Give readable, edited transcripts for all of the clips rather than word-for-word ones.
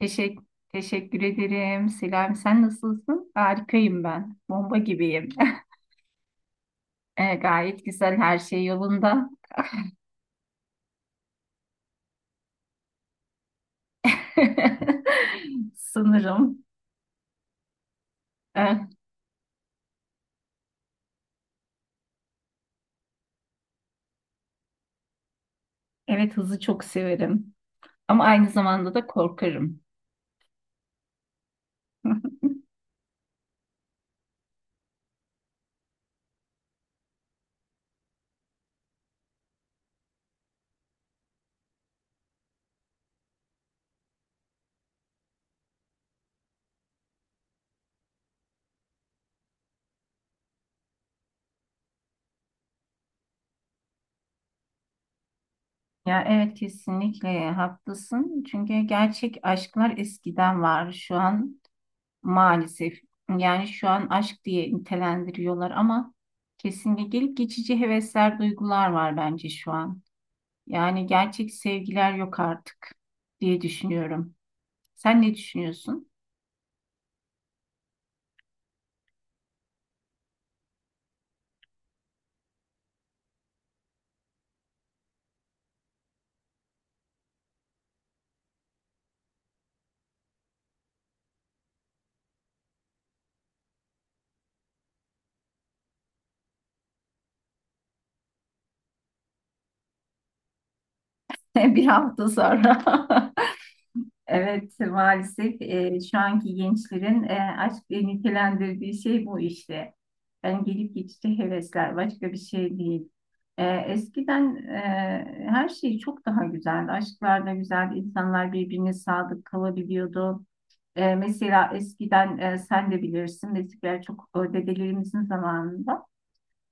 Teşekkür, teşekkür ederim. Selam, sen nasılsın? Harikayım ben. Bomba gibiyim. Gayet güzel, her şey yolunda. Sanırım. E, evet, hızı çok severim. Ama aynı zamanda da korkarım. Ya evet kesinlikle haklısın. Çünkü gerçek aşklar eskiden var. Şu an maalesef yani şu an aşk diye nitelendiriyorlar ama kesinlikle gelip geçici hevesler, duygular var bence şu an. Yani gerçek sevgiler yok artık diye düşünüyorum. Sen ne düşünüyorsun? Bir hafta sonra. Evet, maalesef şu anki gençlerin aşk diye nitelendirdiği şey bu işte. Yani gelip geçici hevesler, başka bir şey değil. Eskiden her şey çok daha güzeldi. Aşklar da güzeldi, insanlar birbirine sadık kalabiliyordu. Mesela eskiden sen de bilirsin, eskiden çok dedelerimizin zamanında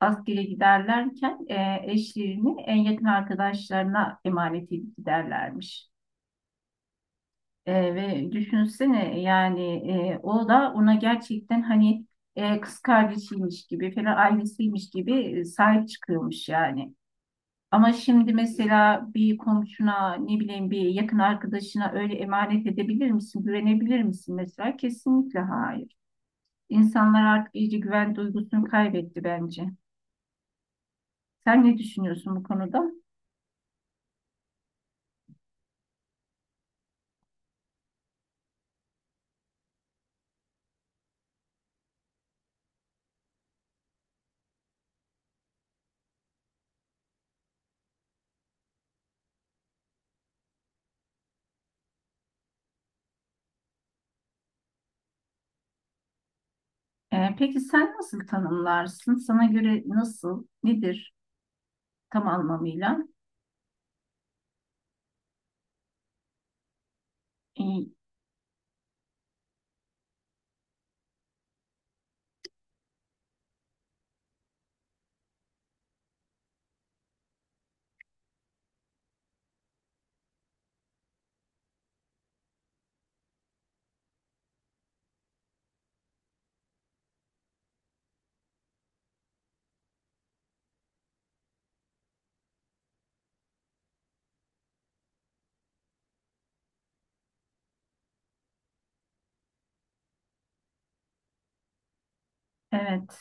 askere giderlerken eşlerini en yakın arkadaşlarına emanet edip giderlermiş. Ve düşünsene yani o da ona gerçekten hani kız kardeşiymiş gibi falan ailesiymiş gibi sahip çıkıyormuş yani. Ama şimdi mesela bir komşuna ne bileyim bir yakın arkadaşına öyle emanet edebilir misin, güvenebilir misin mesela? Kesinlikle hayır. İnsanlar artık iyice güven duygusunu kaybetti bence. Sen ne düşünüyorsun bu konuda? Peki sen nasıl tanımlarsın? Sana göre nasıl, nedir tam anlamıyla? E, evet.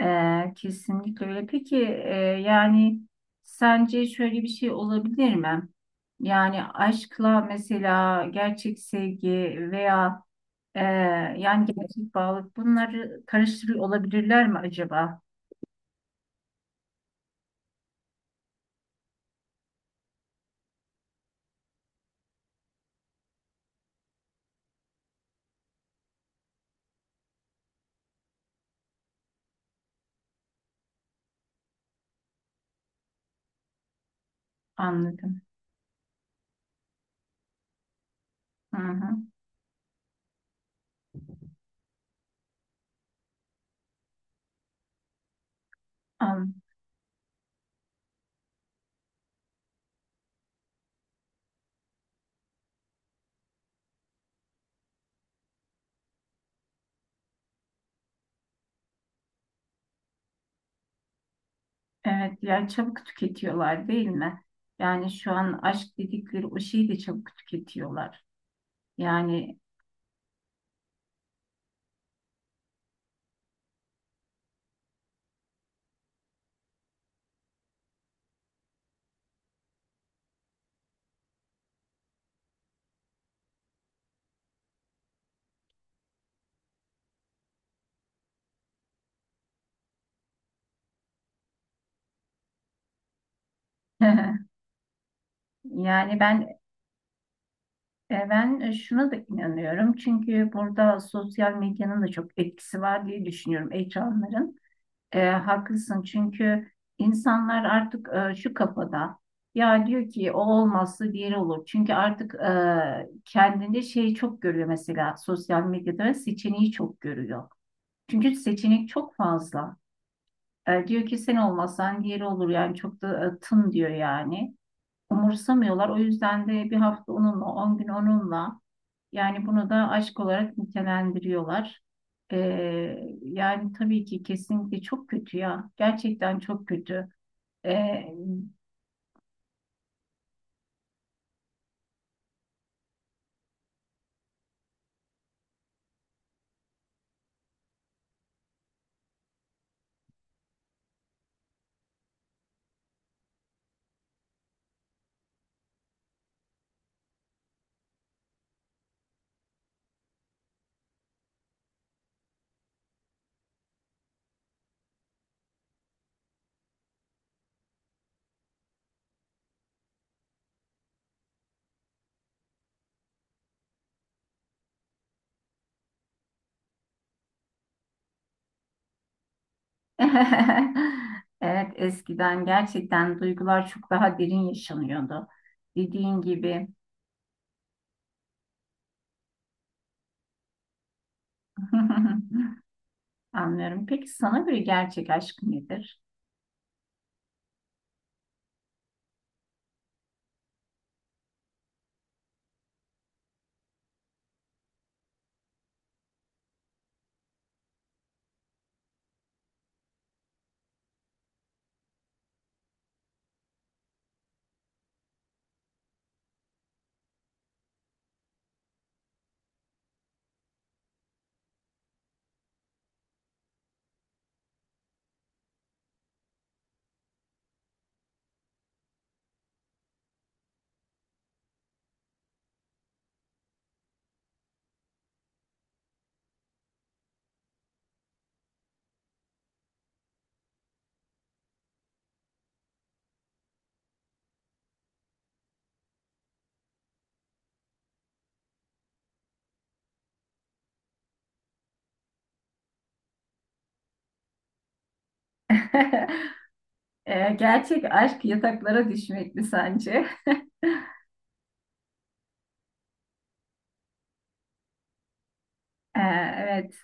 Kesinlikle öyle. Peki yani sence şöyle bir şey olabilir mi? Yani aşkla mesela gerçek sevgi veya e, yani gerçek bağlılık bunları karıştırıyor olabilirler mi acaba? Anladım. Hı hı. An- Evet yani çabuk tüketiyorlar değil mi? Yani şu an aşk dedikleri o şeyi de çabuk tüketiyorlar. Yani yani ben şuna da inanıyorum çünkü burada sosyal medyanın da çok etkisi var diye düşünüyorum ekranların. Haklısın çünkü insanlar artık şu kafada ya diyor ki o olmazsa diğeri olur. Çünkü artık kendinde şeyi çok görüyor mesela sosyal medyada seçeneği çok görüyor. Çünkü seçenek çok fazla. Diyor ki sen olmazsan diğeri olur yani çok da tın diyor yani. Umursamıyorlar o yüzden de bir hafta onunla 10 gün onunla. Yani bunu da aşk olarak nitelendiriyorlar. Yani tabii ki kesinlikle çok kötü ya. Gerçekten çok kötü. Ee, evet eskiden gerçekten duygular çok daha derin yaşanıyordu. Dediğin gibi. Anlıyorum. Peki sana göre gerçek aşk nedir? Gerçek aşk yataklara düşmek mi sence? Ee, evet.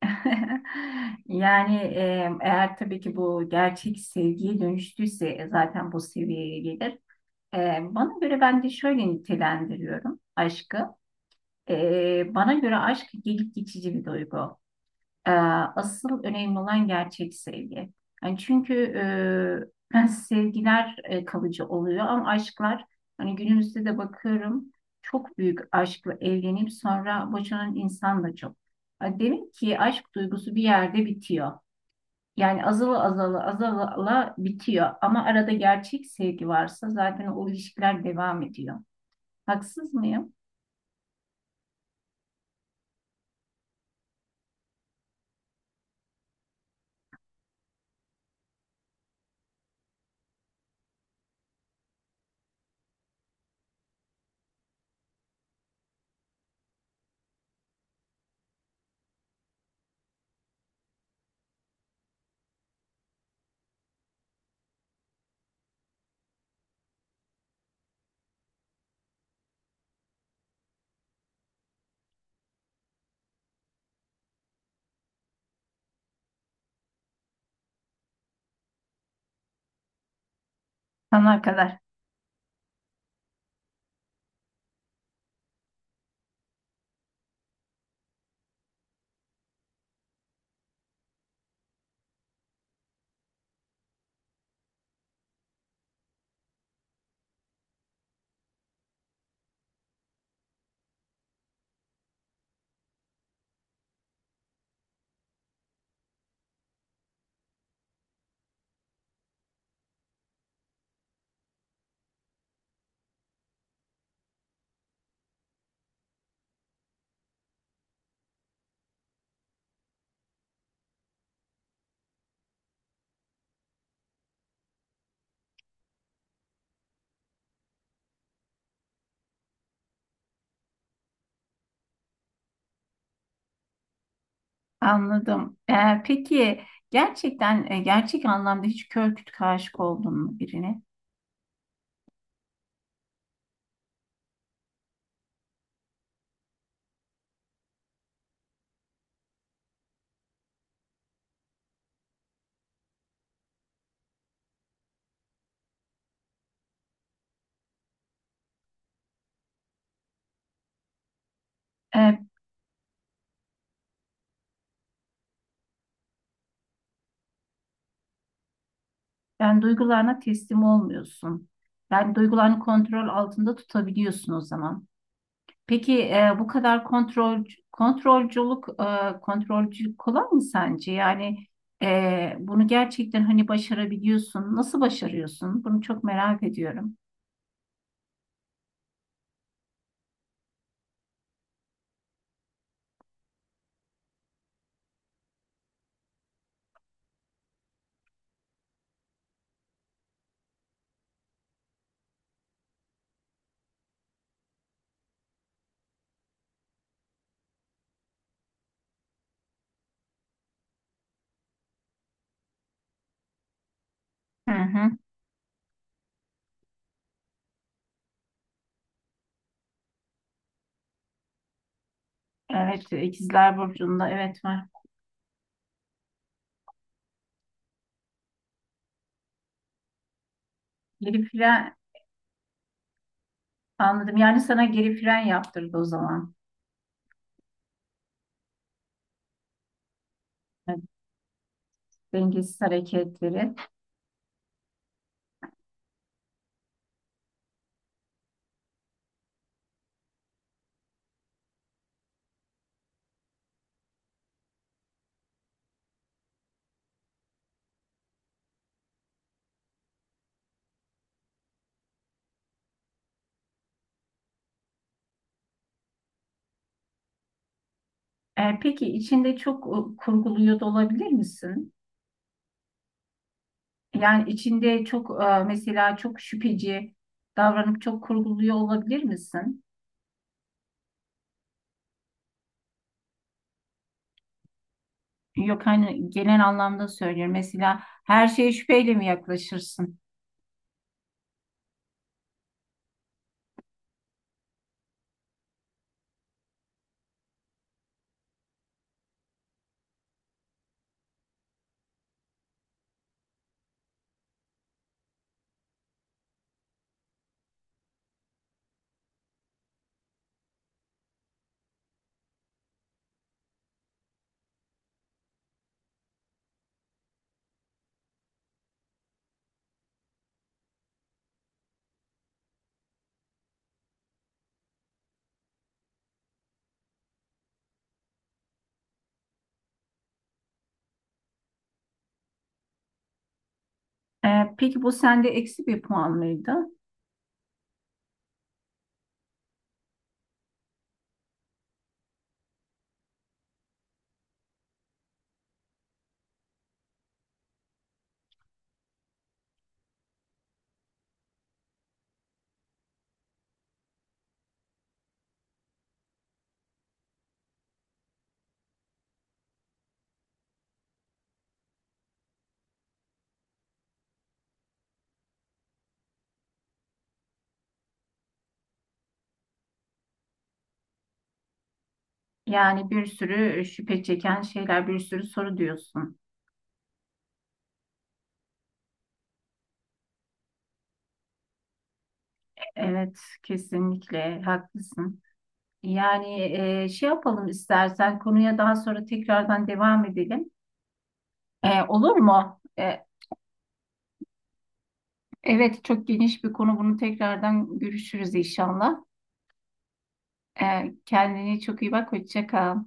Yani eğer tabii ki bu gerçek sevgiye dönüştüyse zaten bu seviyeye gelir. Bana göre ben de şöyle nitelendiriyorum aşkı. Bana göre aşk gelip geçici bir duygu. Ee, Asıl önemli olan gerçek sevgi. Yani çünkü ben sevgiler kalıcı oluyor ama aşklar hani günümüzde de bakıyorum çok büyük aşkla evlenip sonra boşanan insan da çok. Ha, demek ki aşk duygusu bir yerde bitiyor. Yani azala azala azala azala bitiyor ama arada gerçek sevgi varsa zaten o ilişkiler devam ediyor. Haksız mıyım? Sana kadar. Anladım. Peki gerçekten gerçek anlamda hiç kör kütük aşık oldun mu birine? Ee, Yani duygularına teslim olmuyorsun. Yani duygularını kontrol altında tutabiliyorsun o zaman. Peki bu kadar kontrolcülük kolay mı sence? Yani bunu gerçekten hani başarabiliyorsun. Nasıl başarıyorsun? Bunu çok merak ediyorum. Hı hı. Evet, ikizler burcunda evet var. Anladım. Yani sana geri fren yaptırdı o zaman. Evet, dengesiz hareketleri. Peki içinde çok kurguluyor da olabilir misin? Yani içinde çok mesela çok şüpheci davranıp çok kurguluyor olabilir misin? Yok hani genel anlamda söylüyorum. Mesela her şeye şüpheyle mi yaklaşırsın? Peki bu sende eksi bir puan mıydı? Yani bir sürü şüphe çeken şeyler, bir sürü soru diyorsun. Evet, kesinlikle haklısın. Yani şey yapalım istersen konuya daha sonra tekrardan devam edelim. Olur mu? Evet çok geniş bir konu. Bunu tekrardan görüşürüz inşallah. Kendine çok iyi bak. Hoşça kal.